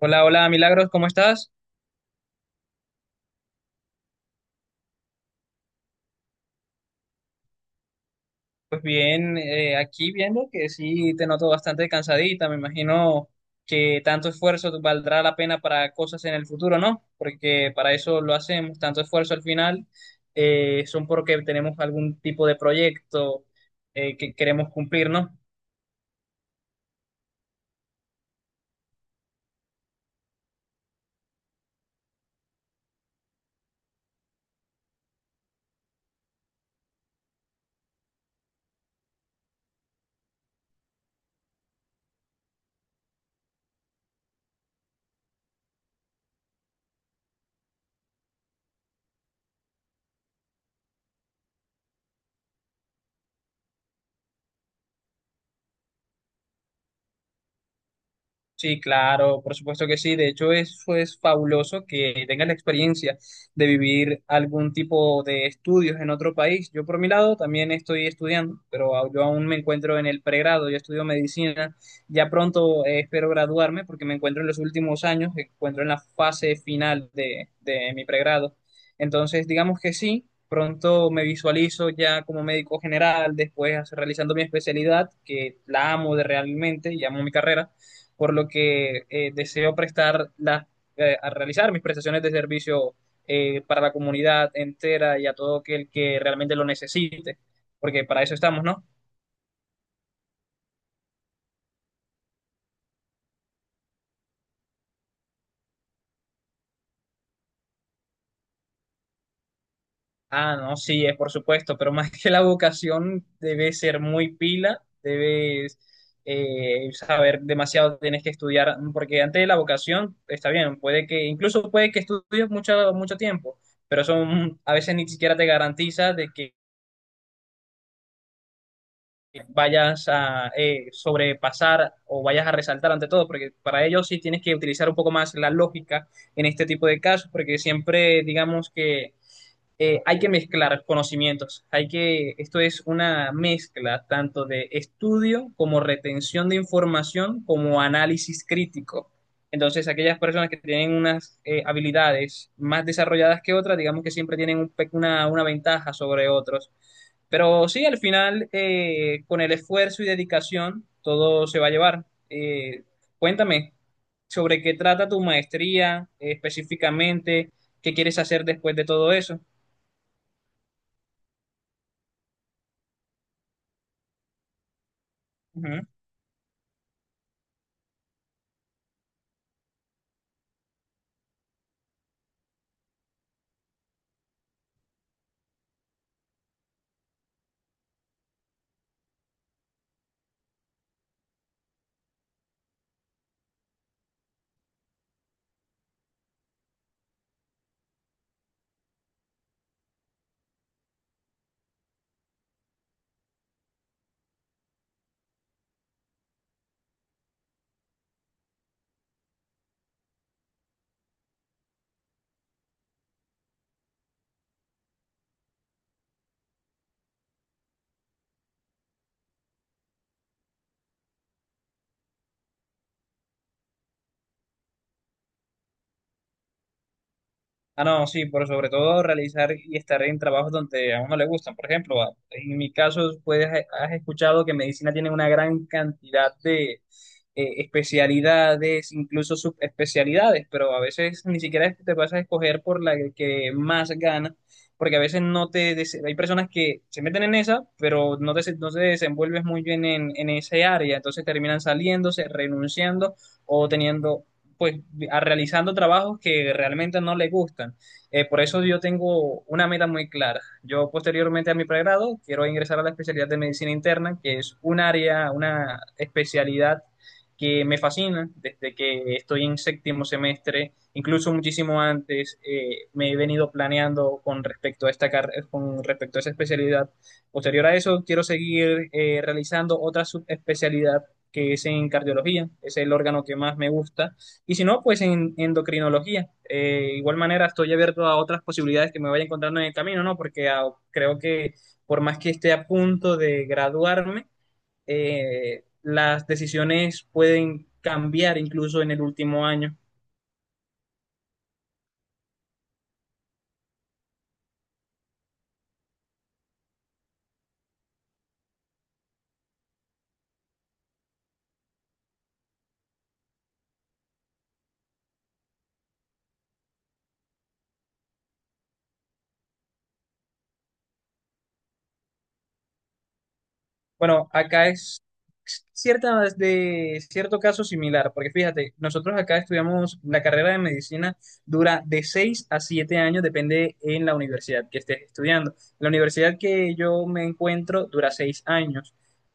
Hola, hola, Milagros, ¿cómo estás? Pues bien, aquí viendo que sí te noto bastante cansadita, me imagino que tanto esfuerzo valdrá la pena para cosas en el futuro, ¿no? Porque para eso lo hacemos, tanto esfuerzo al final son porque tenemos algún tipo de proyecto que queremos cumplir, ¿no? Sí, claro, por supuesto que sí. De hecho, eso es fabuloso que tengas la experiencia de vivir algún tipo de estudios en otro país. Yo, por mi lado, también estoy estudiando, pero yo aún me encuentro en el pregrado. Yo estudio medicina. Ya pronto espero graduarme porque me encuentro en los últimos años, me encuentro en la fase final de mi pregrado. Entonces, digamos que sí, pronto me visualizo ya como médico general, después realizando mi especialidad, que la amo de realmente y amo mi carrera por lo que deseo prestar las, a realizar mis prestaciones de servicio para la comunidad entera y a todo aquel que realmente lo necesite, porque para eso estamos, ¿no? Ah, no, sí, es por supuesto, pero más que la vocación debe ser muy pila, debes saber demasiado, tienes que estudiar, porque antes de la vocación está bien, puede que, incluso puede que estudies mucho, mucho tiempo, pero eso a veces ni siquiera te garantiza de que vayas a sobrepasar o vayas a resaltar ante todo, porque para ello sí tienes que utilizar un poco más la lógica en este tipo de casos, porque siempre digamos que hay que mezclar conocimientos. Hay que, esto es una mezcla tanto de estudio como retención de información como análisis crítico. Entonces, aquellas personas que tienen unas habilidades más desarrolladas que otras, digamos que siempre tienen un una ventaja sobre otros. Pero sí, al final, con el esfuerzo y dedicación, todo se va a llevar. Eh, cuéntame sobre qué trata tu maestría, específicamente, qué quieres hacer después de todo eso. Ujú. Ah, no, sí, por sobre todo realizar y estar en trabajos donde a uno le gustan. Por ejemplo, en mi caso, pues has escuchado que medicina tiene una gran cantidad de especialidades, incluso subespecialidades, pero a veces ni siquiera es que te vas a escoger por la que más gana, porque a veces no Hay personas que se meten en esa, pero no te desenvuelves muy bien en ese área, entonces terminan saliéndose, renunciando o teniendo pues realizando trabajos que realmente no le gustan. Por eso yo tengo una meta muy clara. Yo posteriormente a mi pregrado quiero ingresar a la especialidad de medicina interna, que es un área, una especialidad que me fascina desde que estoy en séptimo semestre, incluso muchísimo antes me he venido planeando con respecto a esta con respecto a esa especialidad. Posterior a eso, quiero seguir realizando otra subespecialidad que es en cardiología, es el órgano que más me gusta y si no, pues en endocrinología. Igual manera, estoy abierto a otras posibilidades que me vaya encontrando en el camino, ¿no? Porque ah, creo que por más que esté a punto de graduarme, las decisiones pueden cambiar incluso en el último año. Bueno, acá es cierta, de cierto caso similar, porque fíjate, nosotros acá estudiamos la carrera de medicina, dura de 6 a 7 años, depende en la universidad que estés estudiando. La universidad que yo me encuentro dura 6 años.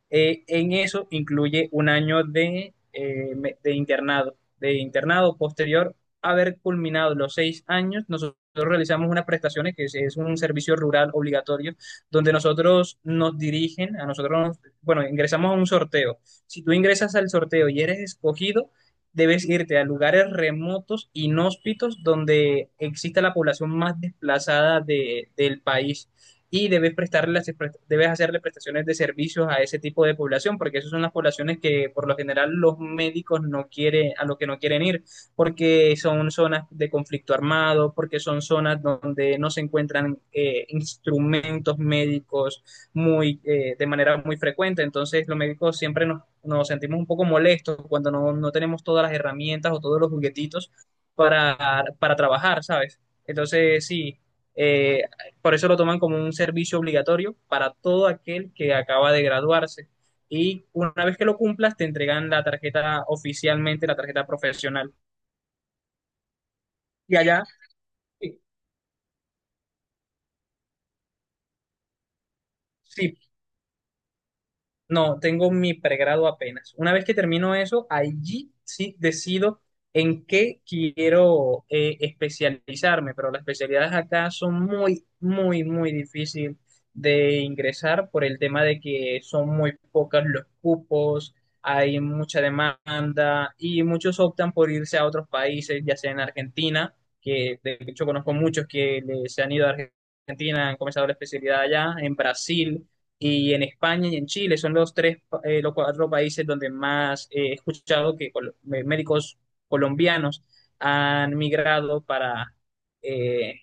En eso incluye un año de, de internado. De internado posterior a haber culminado los 6 años, nosotros realizamos unas prestaciones, que es un servicio rural obligatorio donde nosotros nos dirigen, a nosotros, bueno, ingresamos a un sorteo. Si tú ingresas al sorteo y eres escogido, debes irte a lugares remotos, inhóspitos, donde exista la población más desplazada del país. Y debes debes hacerle prestaciones de servicios a ese tipo de población, porque esas son las poblaciones que por lo general los médicos no quieren, a los que no quieren ir porque son zonas de conflicto armado, porque son zonas donde no se encuentran instrumentos médicos muy, de manera muy frecuente. Entonces, los médicos siempre nos sentimos un poco molestos cuando no, no, tenemos todas las herramientas o todos los juguetitos para trabajar, ¿sabes? Entonces, sí, eh, por eso lo toman como un servicio obligatorio para todo aquel que acaba de graduarse. Y una vez que lo cumplas, te entregan la tarjeta oficialmente, la tarjeta profesional. Y allá, sí, sí, no, tengo mi pregrado apenas. Una vez que termino eso, allí sí decido en qué quiero especializarme, pero las especialidades acá son muy, muy, muy difíciles de ingresar por el tema de que son muy pocos los cupos, hay mucha demanda y muchos optan por irse a otros países, ya sea en Argentina, que de hecho conozco muchos que se han ido a Argentina, han comenzado la especialidad allá, en Brasil y en España y en Chile son los tres, los cuatro países donde más he escuchado que médicos colombianos han migrado para eh,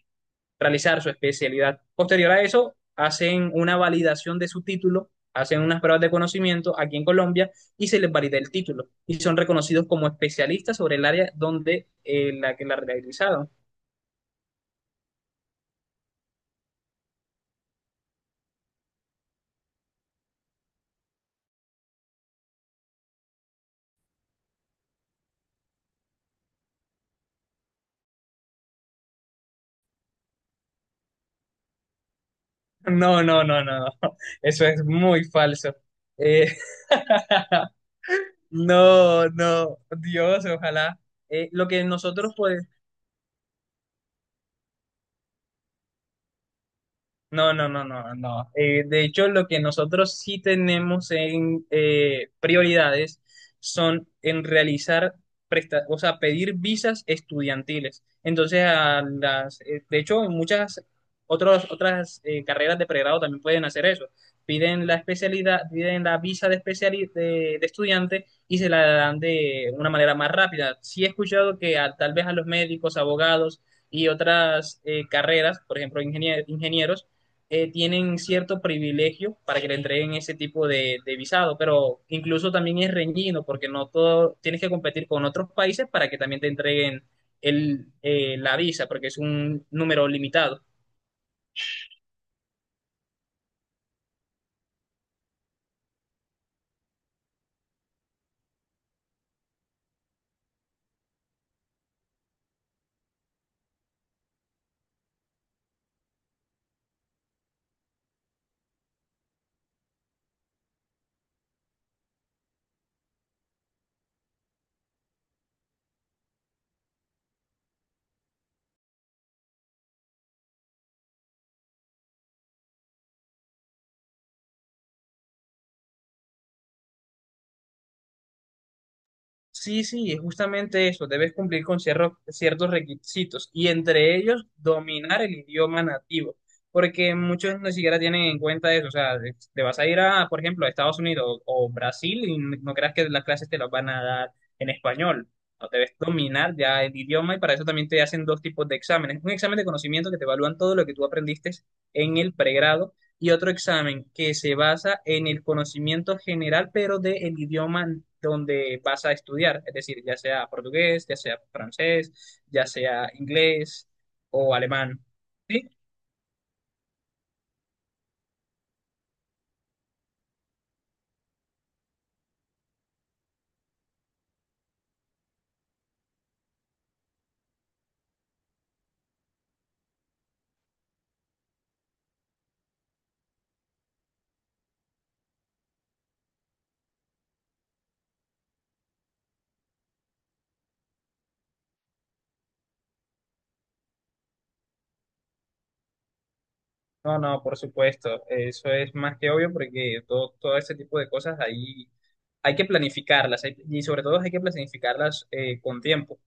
realizar su especialidad. Posterior a eso, hacen una validación de su título, hacen unas pruebas de conocimiento aquí en Colombia y se les valida el título y son reconocidos como especialistas sobre el área donde la que la realizaron. No, no, no, no, no. Eso es muy falso. Eh, No, no, Dios, ojalá. Lo que nosotros pues, No, no, no, no, no. De hecho, lo que nosotros sí tenemos en prioridades son en o sea, pedir visas estudiantiles. Entonces, a las, de hecho, en muchas otras carreras de pregrado también pueden hacer eso. Piden la especialidad, piden la visa de, de estudiante y se la dan de una manera más rápida. Sí he escuchado que tal vez a los médicos, abogados y otras carreras, por ejemplo, ingenieros, tienen cierto privilegio para que le entreguen ese tipo de visado, pero incluso también es reñido porque no todo, tienes que competir con otros países para que también te entreguen el, la visa, porque es un número limitado. Sí, sí, es justamente eso. Debes cumplir con ciertos requisitos y entre ellos dominar el idioma nativo, porque muchos ni siquiera tienen en cuenta eso. O sea, te vas a ir a, por ejemplo, a Estados Unidos o Brasil y no creas que las clases te las van a dar en español. No, debes dominar ya el idioma y para eso también te hacen dos tipos de exámenes. Un examen de conocimiento que te evalúan todo lo que tú aprendiste en el pregrado y otro examen que se basa en el conocimiento general, pero del idioma donde vas a estudiar, es decir, ya sea portugués, ya sea francés, ya sea inglés o alemán. ¿Sí? No, no, por supuesto, eso es más que obvio porque todo este tipo de cosas ahí hay que y sobre todo hay que planificarlas con tiempo.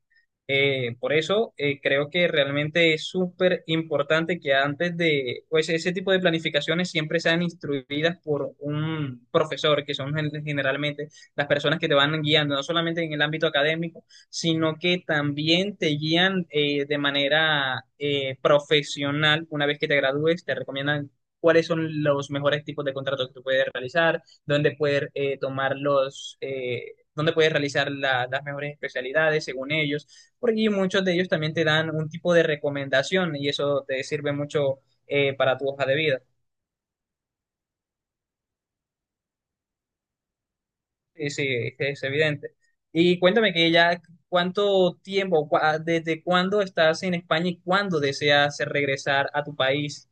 Por eso creo que realmente es súper importante que antes de pues, ese tipo de planificaciones siempre sean instruidas por un profesor, que son generalmente las personas que te van guiando, no solamente en el ámbito académico, sino que también te guían de manera profesional. Una vez que te gradúes, te recomiendan cuáles son los mejores tipos de contratos que tú puedes realizar, dónde puedes dónde puedes realizar las mejores especialidades según ellos porque muchos de ellos también te dan un tipo de recomendación y eso te sirve mucho para tu hoja de vida. Sí, sí, es evidente. Y cuéntame que ya cuánto tiempo, desde cuándo estás en España y cuándo deseas regresar a tu país.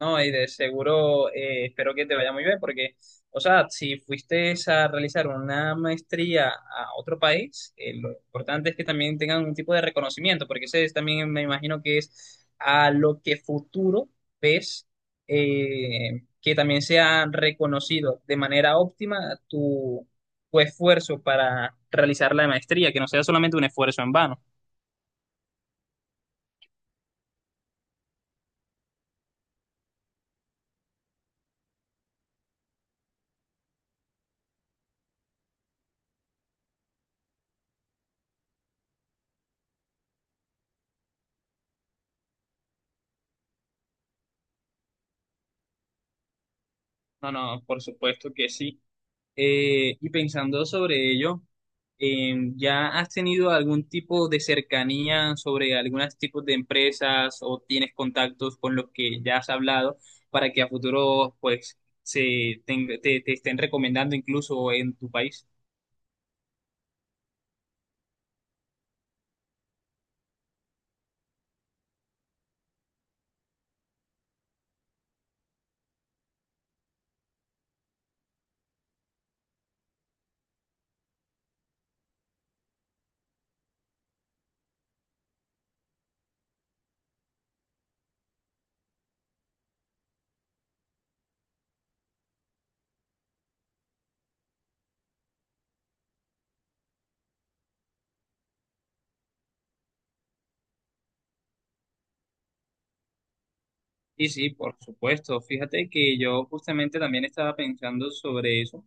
No, y de seguro espero que te vaya muy bien porque, o sea, si fuiste a realizar una maestría a otro país, lo importante es que también tengan un tipo de reconocimiento, porque ese es también me imagino que es a lo que futuro ves que también sea reconocido de manera óptima tu, tu esfuerzo para realizar la maestría, que no sea solamente un esfuerzo en vano. No, no, por supuesto que sí. Y pensando sobre ello, ¿ya has tenido algún tipo de cercanía sobre algunos tipos de empresas o tienes contactos con los que ya has hablado para que a futuro pues se te estén recomendando incluso en tu país? Y sí, por supuesto, fíjate que yo justamente también estaba pensando sobre eso.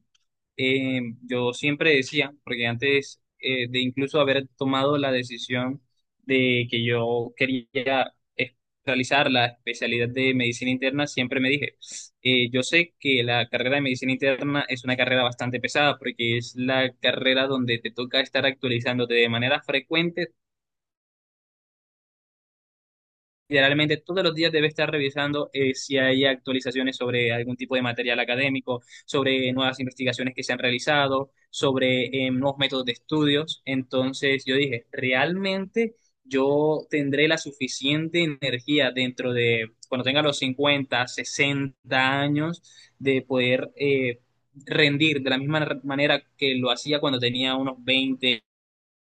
Yo siempre decía, porque antes de incluso haber tomado la decisión de que yo realizar la especialidad de medicina interna, siempre me dije, yo sé que la carrera de medicina interna es una carrera bastante pesada, porque es la carrera donde te toca estar actualizándote de manera frecuente. Generalmente todos los días debe estar revisando si hay actualizaciones sobre algún tipo de material académico, sobre nuevas investigaciones que se han realizado, sobre nuevos métodos de estudios. Entonces yo dije, ¿realmente yo tendré la suficiente energía dentro de, cuando tenga los 50, 60 años, de poder rendir de la misma manera que lo hacía cuando tenía unos 20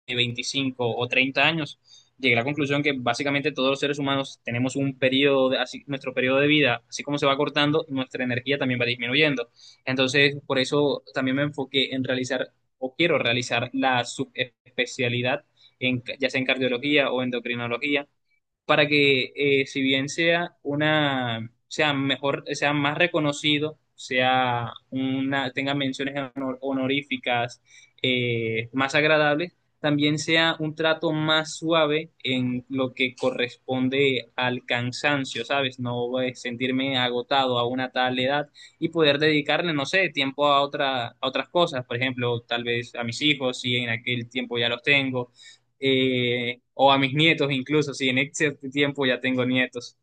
25 o 30 años? Llegué a la conclusión que básicamente todos los seres humanos tenemos un periodo, así, nuestro periodo de vida, así como se va cortando, nuestra energía también va disminuyendo. Entonces, por eso también me enfoqué en realizar o quiero realizar la subespecialidad, ya sea en cardiología o endocrinología, para que si bien sea una, sea mejor, sea más reconocido, sea una, tenga menciones honoríficas más agradables, también sea un trato más suave en lo que corresponde al cansancio, ¿sabes? No sentirme agotado a una tal edad y poder dedicarle, no sé, tiempo a a otras cosas, por ejemplo, tal vez a mis hijos, si en aquel tiempo ya los tengo o a mis nietos incluso, si en cierto tiempo ya tengo nietos.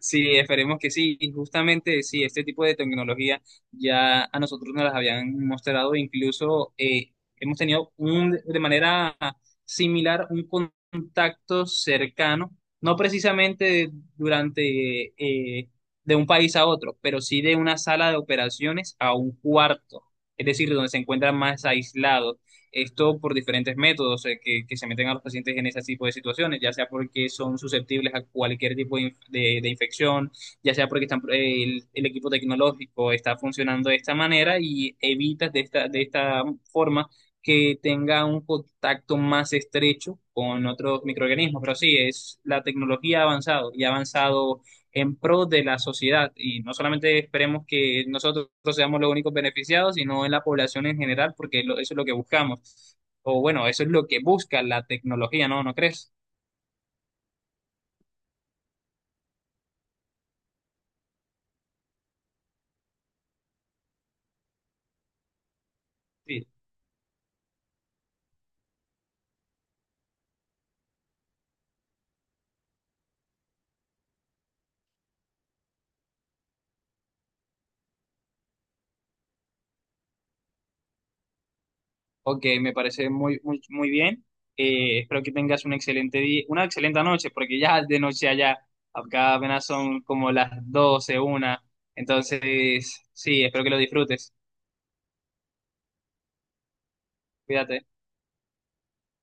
Sí, esperemos que sí. Y justamente, sí, este tipo de tecnología ya a nosotros nos las habían mostrado, incluso hemos tenido un, de manera similar un contacto cercano, no precisamente durante de un país a otro, pero sí de una sala de operaciones a un cuarto, es decir, donde se encuentran más aislados. Esto por diferentes métodos que se meten a los pacientes en ese tipo de situaciones, ya sea porque son susceptibles a cualquier tipo de, de infección, ya sea porque están, el equipo tecnológico está funcionando de esta manera y evitas de de esta forma que tenga un contacto más estrecho con otros microorganismos. Pero sí, es la tecnología ha avanzado y ha avanzado en pro de la sociedad y no solamente esperemos que nosotros seamos los únicos beneficiados, sino en la población en general, porque eso es lo que buscamos. O bueno, eso es lo que busca la tecnología, ¿no? ¿No crees? Sí. Ok, me parece muy, muy, muy bien. Espero que tengas un excelente día, una excelente noche, porque ya es de noche allá, acá apenas son como las 12, 1. Entonces, sí, espero que lo disfrutes. Cuídate.